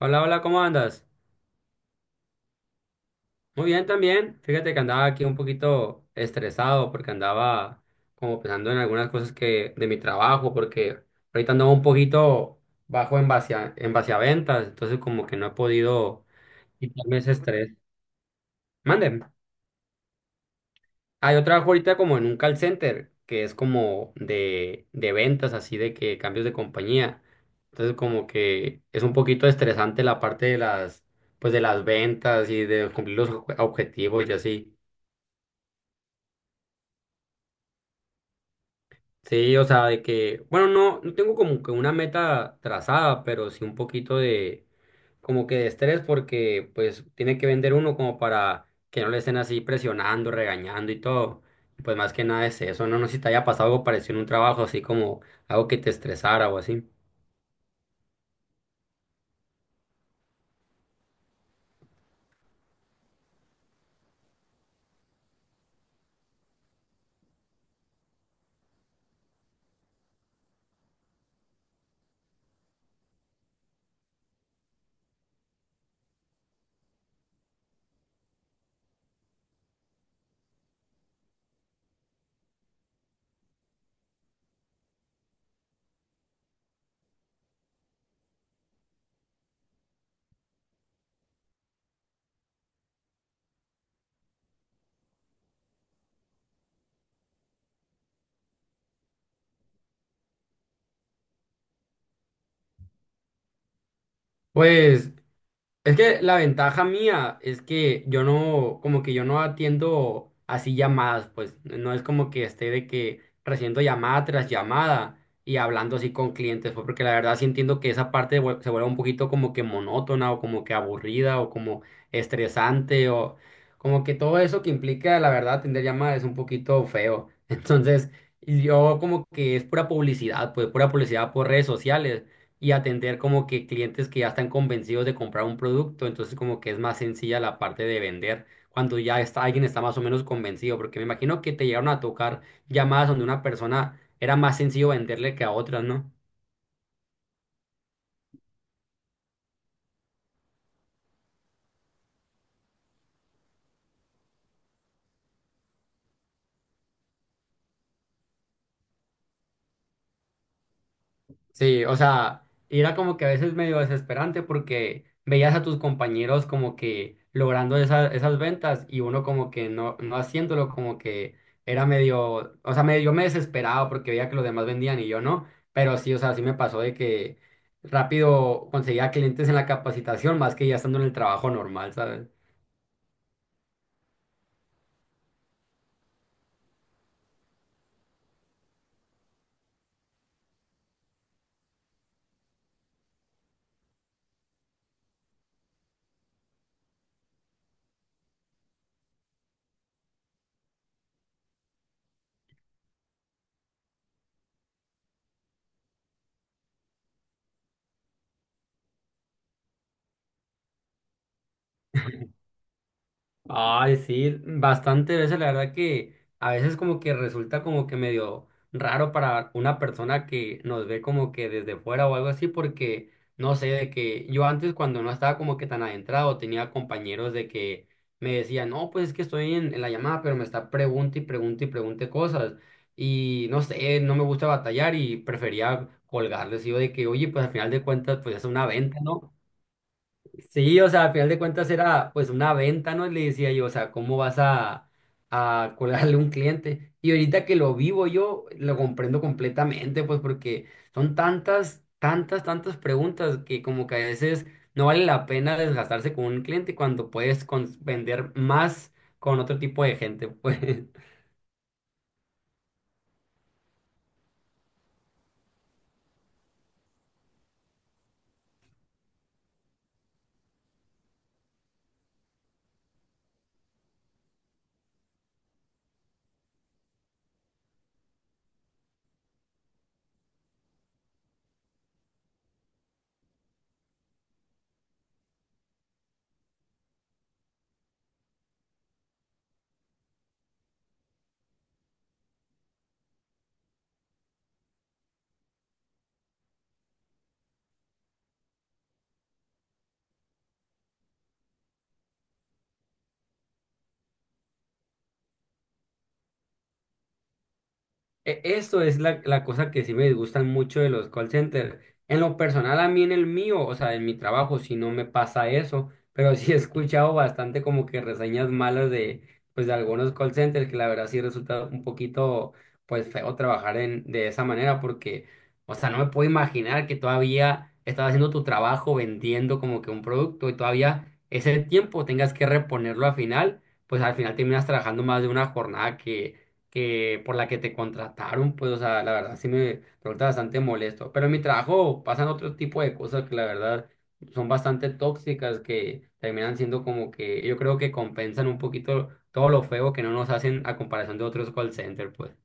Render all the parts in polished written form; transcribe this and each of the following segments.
Hola, hola, ¿cómo andas? Muy bien también. Fíjate que andaba aquí un poquito estresado porque andaba como pensando en algunas cosas que de mi trabajo, porque ahorita andaba un poquito bajo en base a ventas, entonces como que no he podido quitarme ese estrés. Manden. Ah, yo trabajo ahorita como en un call center, que es como de ventas, así de que cambios de compañía. Entonces como que es un poquito estresante la parte de las, pues de las ventas y de cumplir los objetivos y así. Sí, o sea, de que, bueno, no, no tengo como que una meta trazada, pero sí un poquito de, como que de estrés, porque pues tiene que vender uno como para que no le estén así presionando, regañando y todo. Y pues más que nada es eso, no, no sé si te haya pasado algo parecido en un trabajo, así como algo que te estresara o así. Pues es que la ventaja mía es que yo no, como que yo no atiendo así llamadas, pues no es como que esté de que recibiendo llamada tras llamada y hablando así con clientes, pues porque la verdad sí entiendo que esa parte se vuelve un poquito como que monótona o como que aburrida o como estresante o como que todo eso que implica la verdad atender llamadas es un poquito feo. Entonces, yo como que es pura publicidad, pues pura publicidad por redes sociales y atender como que clientes que ya están convencidos de comprar un producto, entonces como que es más sencilla la parte de vender cuando ya está, alguien está más o menos convencido, porque me imagino que te llegaron a tocar llamadas donde una persona era más sencillo venderle que a otras, ¿no? Sí, o sea, y era como que a veces medio desesperante porque veías a tus compañeros como que logrando esas ventas y uno como que no, no haciéndolo, como que era medio, o sea, medio, yo me desesperaba porque veía que los demás vendían y yo no, pero sí, o sea, sí me pasó de que rápido conseguía clientes en la capacitación más que ya estando en el trabajo normal, ¿sabes? Ay, sí, bastante veces la verdad que a veces como que resulta como que medio raro para una persona que nos ve como que desde fuera o algo así, porque no sé, de que yo antes cuando no estaba como que tan adentrado, tenía compañeros de que me decían, no, pues es que estoy en la llamada, pero me está pregunta y pregunta y pregunte cosas, y no sé, no me gusta batallar y prefería colgarles, y yo de que, oye, pues al final de cuentas, pues es una venta, ¿no? Sí, o sea, al final de cuentas era pues una venta, ¿no? Le decía yo, o sea, ¿cómo vas a colarle a un cliente? Y ahorita que lo vivo yo, lo comprendo completamente, pues porque son tantas, tantas, tantas preguntas que como que a veces no vale la pena desgastarse con un cliente cuando puedes vender más con otro tipo de gente, pues. Eso es la, la cosa que sí me disgustan mucho de los call centers. En lo personal, a mí en el mío, o sea, en mi trabajo, sí no me pasa eso, pero sí he escuchado bastante como que reseñas malas de, pues, de algunos call centers que la verdad sí resulta un poquito, pues, feo trabajar en, de esa manera porque, o sea, no me puedo imaginar que todavía estás haciendo tu trabajo vendiendo como que un producto y todavía ese tiempo tengas que reponerlo al final, pues al final terminas trabajando más de una jornada que por la que te contrataron, pues, o sea, la verdad sí me resulta bastante molesto. Pero en mi trabajo pasan otro tipo de cosas que la verdad son bastante tóxicas, que terminan siendo como que yo creo que compensan un poquito todo lo feo que no nos hacen a comparación de otros call centers, pues.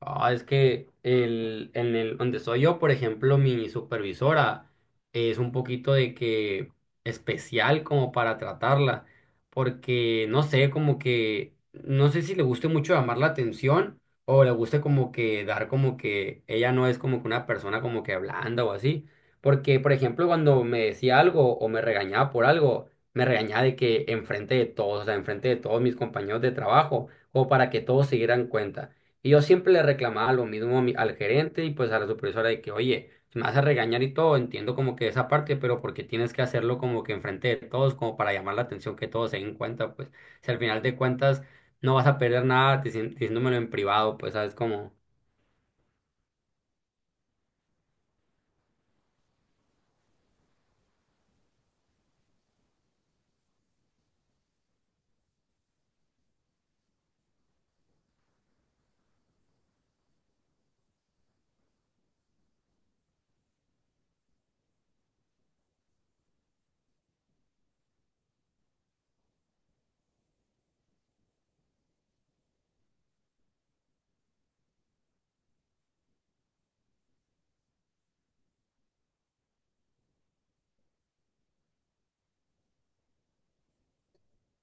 Ah, es que el, en el donde soy yo, por ejemplo, mi supervisora es un poquito de que especial como para tratarla, porque no sé, como que no sé si le guste mucho llamar la atención o le guste como que dar como que ella no es como que una persona como que blanda o así, porque por ejemplo, cuando me decía algo o me regañaba por algo, me regañaba de que enfrente de todos, o sea, enfrente de todos mis compañeros de trabajo, como para que todos se dieran cuenta. Y yo siempre le reclamaba lo mismo a al gerente y pues a la supervisora de que, oye, si me vas a regañar y todo, entiendo como que esa parte, pero porque tienes que hacerlo como que enfrente de todos, como para llamar la atención que todos se den cuenta, pues si al final de cuentas no vas a perder nada diciéndomelo en privado, pues sabes como,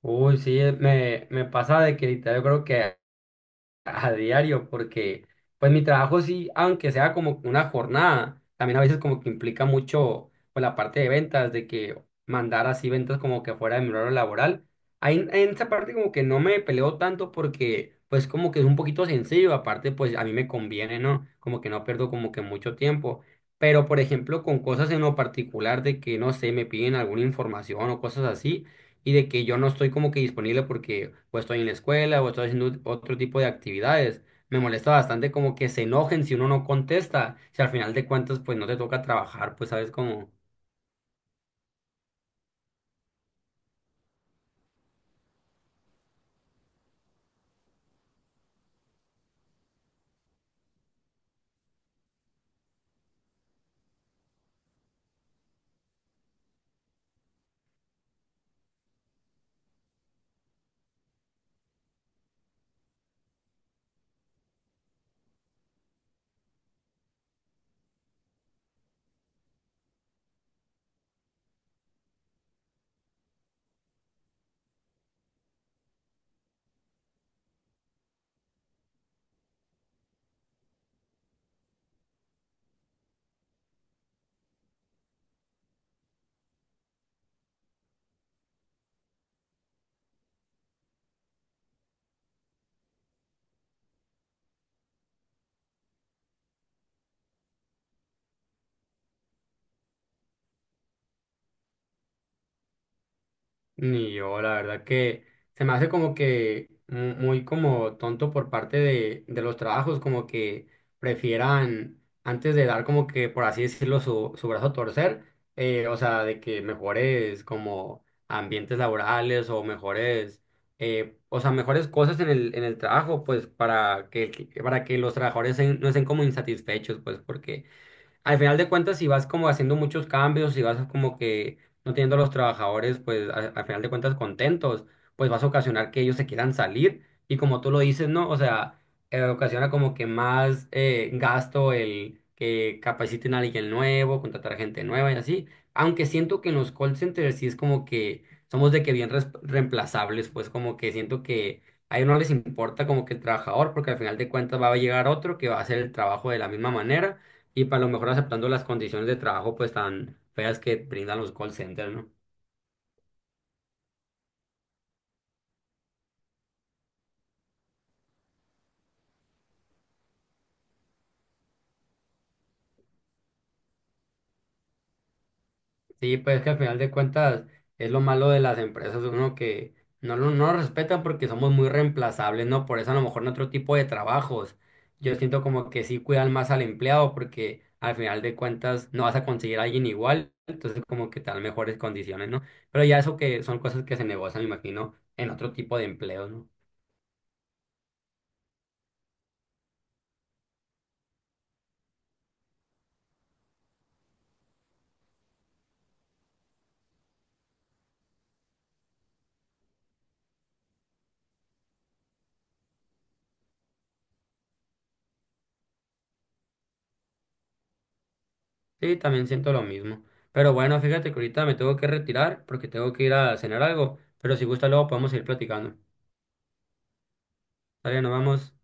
uy, sí, me, me pasa de que literal yo creo que a diario porque pues mi trabajo sí, aunque sea como una jornada, también a veces como que implica mucho pues la parte de ventas, de que mandar así ventas como que fuera de mi horario laboral. Ahí en esa parte como que no me peleo tanto porque pues como que es un poquito sencillo, aparte pues a mí me conviene, ¿no? Como que no pierdo como que mucho tiempo. Pero por ejemplo con cosas en lo particular de que no sé, me piden alguna información o cosas así y de que yo no estoy como que disponible porque o estoy en la escuela o estoy haciendo otro tipo de actividades. Me molesta bastante como que se enojen si uno no contesta, si al final de cuentas pues no te toca trabajar, pues sabes cómo. Ni yo, la verdad que se me hace como que muy como tonto por parte de los trabajos, como que prefieran antes de dar como que, por así decirlo, su brazo a torcer, o sea, de que mejores como ambientes laborales o mejores, o sea, mejores cosas en el trabajo, pues para que, para que los trabajadores no estén como insatisfechos, pues porque al final de cuentas, si vas como haciendo muchos cambios, si vas como que no teniendo a los trabajadores, pues al final de cuentas contentos, pues vas a ocasionar que ellos se quieran salir. Y como tú lo dices, ¿no? O sea, ocasiona como que más gasto el que capaciten a alguien nuevo, contratar gente nueva y así. Aunque siento que en los call centers sí es como que somos de que bien reemplazables, pues como que siento que a ellos no les importa como que el trabajador, porque al final de cuentas va a llegar otro que va a hacer el trabajo de la misma manera y para lo mejor aceptando las condiciones de trabajo pues tan feas que brindan los call centers, ¿no? Sí, pues que al final de cuentas es lo malo de las empresas, uno que no lo respetan porque somos muy reemplazables, ¿no? Por eso a lo mejor en otro tipo de trabajos yo siento como que sí cuidan más al empleado porque al final de cuentas no vas a conseguir a alguien igual, entonces como que te dan mejores condiciones, ¿no? Pero ya eso que son cosas que se negocian, me imagino, en otro tipo de empleo, no. Sí, también siento lo mismo. Pero bueno, fíjate que ahorita me tengo que retirar porque tengo que ir a cenar algo. Pero si gusta, luego podemos ir platicando. Está bien, nos vamos.